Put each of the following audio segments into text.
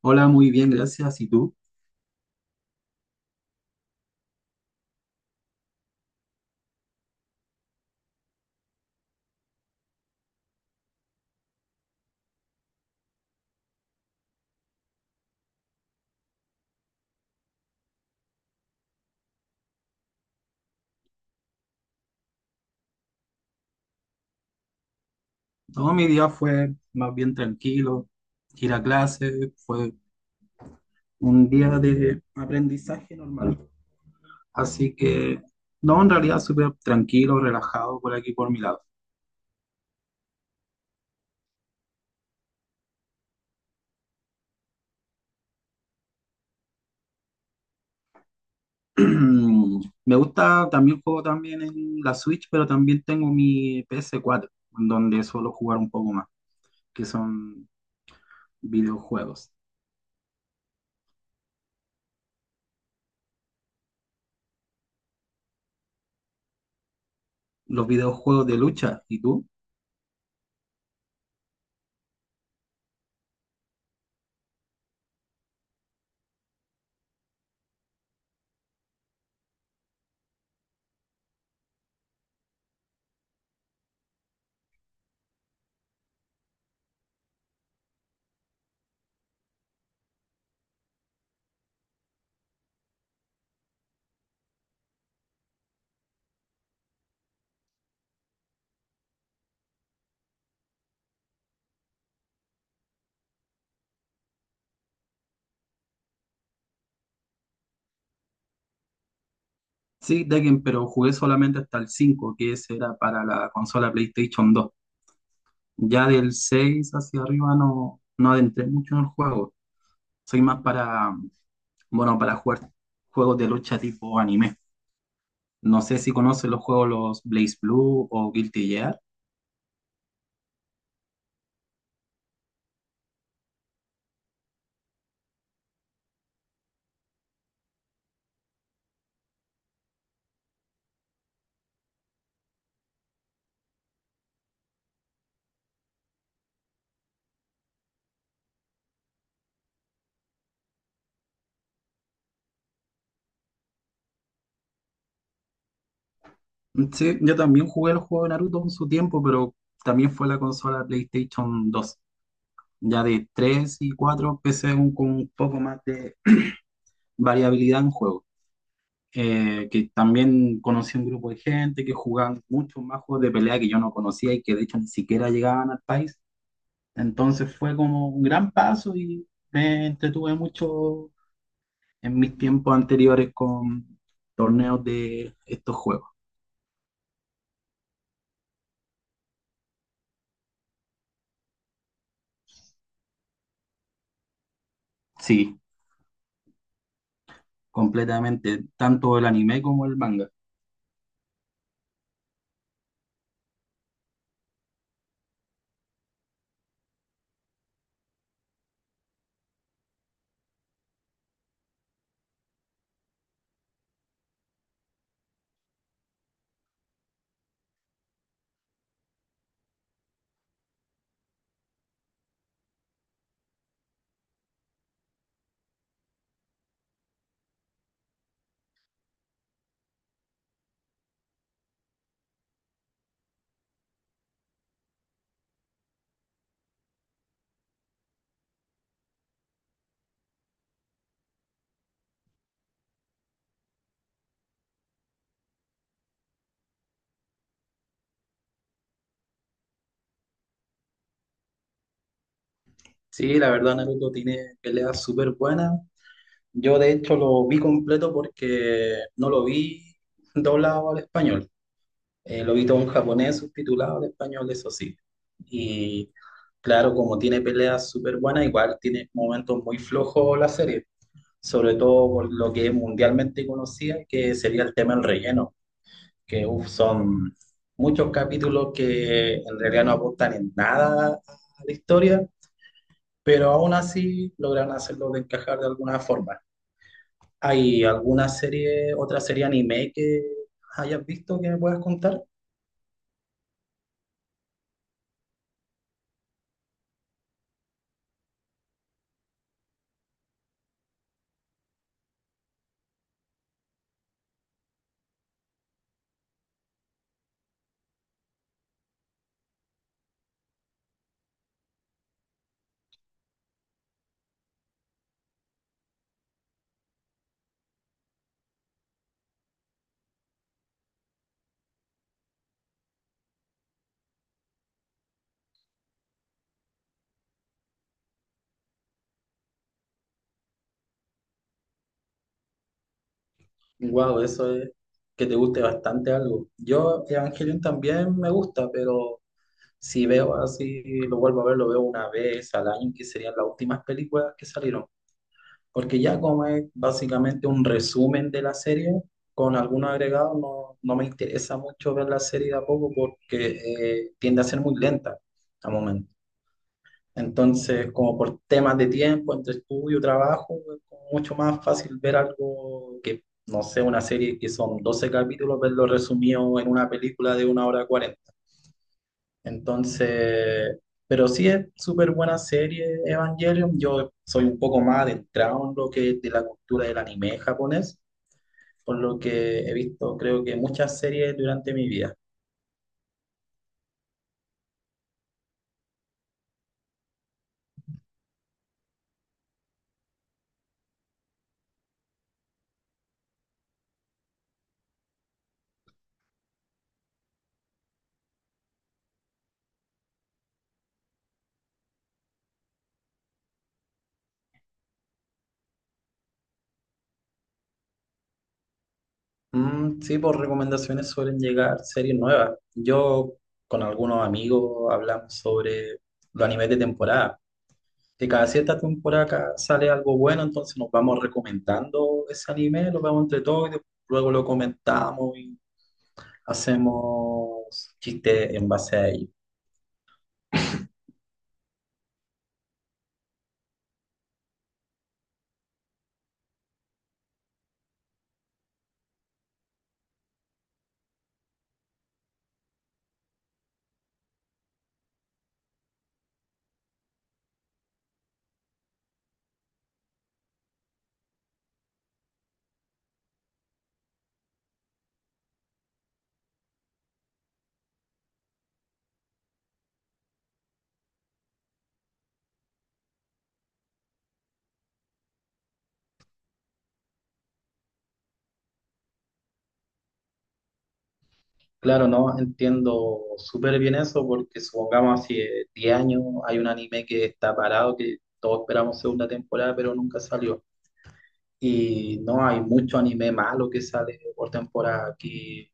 Hola, muy bien, gracias. ¿Y tú? Todo mi día fue más bien tranquilo. Ir a clase fue un día de aprendizaje normal. Así que, no, en realidad súper tranquilo, relajado por aquí por mi lado. Me gusta, también juego también en la Switch, pero también tengo mi PS4, en donde suelo jugar un poco más, que son videojuegos. Los videojuegos de lucha, ¿y tú? Sí, Tekken, pero jugué solamente hasta el 5 que ese era para la consola PlayStation dos. Ya del 6 hacia arriba no, no adentré mucho en el juego. Soy más para, bueno, para jugar juegos de lucha tipo anime. No sé si conocen los juegos los Blaze Blue o Guilty Gear. Sí, yo también jugué los juegos de Naruto en su tiempo, pero también fue la consola PlayStation dos. Ya de 3 y 4 empecé con un poco más de variabilidad en juegos. Que también conocí un grupo de gente que jugaban muchos más juegos de pelea que yo no conocía y que de hecho ni siquiera llegaban al país. Entonces fue como un gran paso y me entretuve mucho en mis tiempos anteriores con torneos de estos juegos. Sí, completamente, tanto el anime como el manga. Sí, la verdad Naruto tiene peleas súper buenas. Yo de hecho lo vi completo porque no lo vi doblado al español. Lo vi todo en japonés subtitulado al español, eso sí. Y claro, como tiene peleas súper buenas, igual tiene momentos muy flojos la serie, sobre todo por lo que es mundialmente conocida, que sería el tema del relleno, que uf, son muchos capítulos que en realidad no aportan en nada a la historia, pero aún así logran hacerlo de encajar de alguna forma. ¿Hay alguna serie, otra serie anime que hayas visto que me puedas contar? Wow, eso es que te guste bastante algo. Yo, Evangelion también me gusta, pero si veo así, lo vuelvo a ver, lo veo una vez al año, que serían las últimas películas que salieron. Porque ya como es básicamente un resumen de la serie, con algún agregado, no, no me interesa mucho ver la serie de a poco porque tiende a ser muy lenta al momento. Entonces, como por temas de tiempo, entre estudio, trabajo, es como mucho más fácil ver algo que, no sé, una serie que son 12 capítulos, verlo resumido en una película de una hora cuarenta. Entonces, pero sí es súper buena serie Evangelion. Yo soy un poco más adentrado en lo que es de la cultura del anime japonés, por lo que he visto creo que muchas series durante mi vida. Mm, sí, por recomendaciones suelen llegar series nuevas. Yo con algunos amigos hablamos sobre los animes de temporada. Que cada cierta temporada acá sale algo bueno, entonces nos vamos recomendando ese anime, lo vemos entre todos y después luego lo comentamos, hacemos chistes en base a ello. Claro, no entiendo súper bien eso porque supongamos hace 10 años hay un anime que está parado, que todos esperamos segunda temporada, pero nunca salió. Y no hay mucho anime malo que sale por temporada, que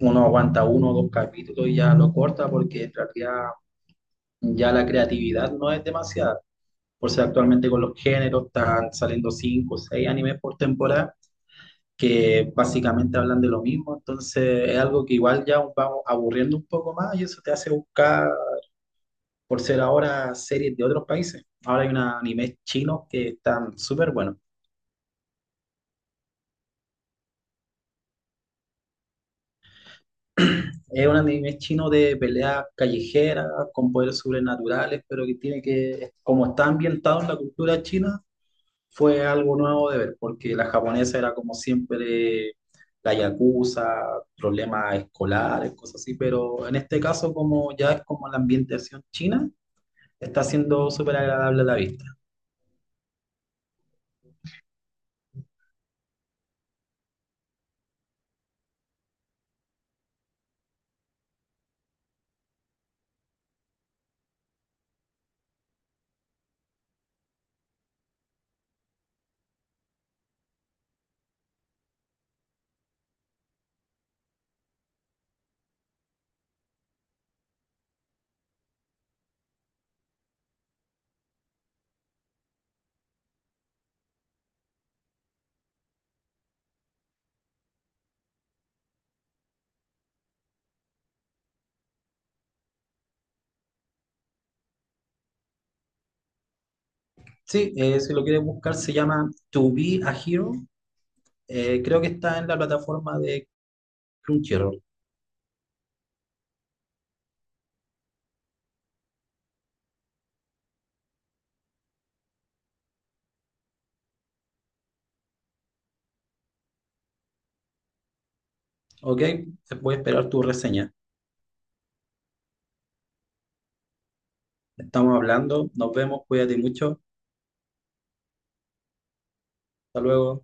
uno aguanta uno o dos capítulos y ya lo corta porque en realidad ya la creatividad no es demasiada. Por si actualmente con los géneros están saliendo cinco o seis animes por temporada que básicamente hablan de lo mismo, entonces es algo que igual ya vamos aburriendo un poco más y eso te hace buscar, por ser ahora, series de otros países. Ahora hay un anime chino que están súper buenos. Es un anime chino de peleas callejeras con poderes sobrenaturales, pero que tiene que, como está ambientado en la cultura china, fue algo nuevo de ver, porque la japonesa era como siempre la yakuza, problemas escolares, cosas así, pero en este caso como ya es como la ambientación china, está siendo súper agradable a la vista. Sí, si lo quieres buscar se llama To Be a Hero. Creo que está en la plataforma de Crunchyroll, ¿ok? Te voy a esperar tu reseña. Estamos hablando, nos vemos, cuídate mucho, hasta luego.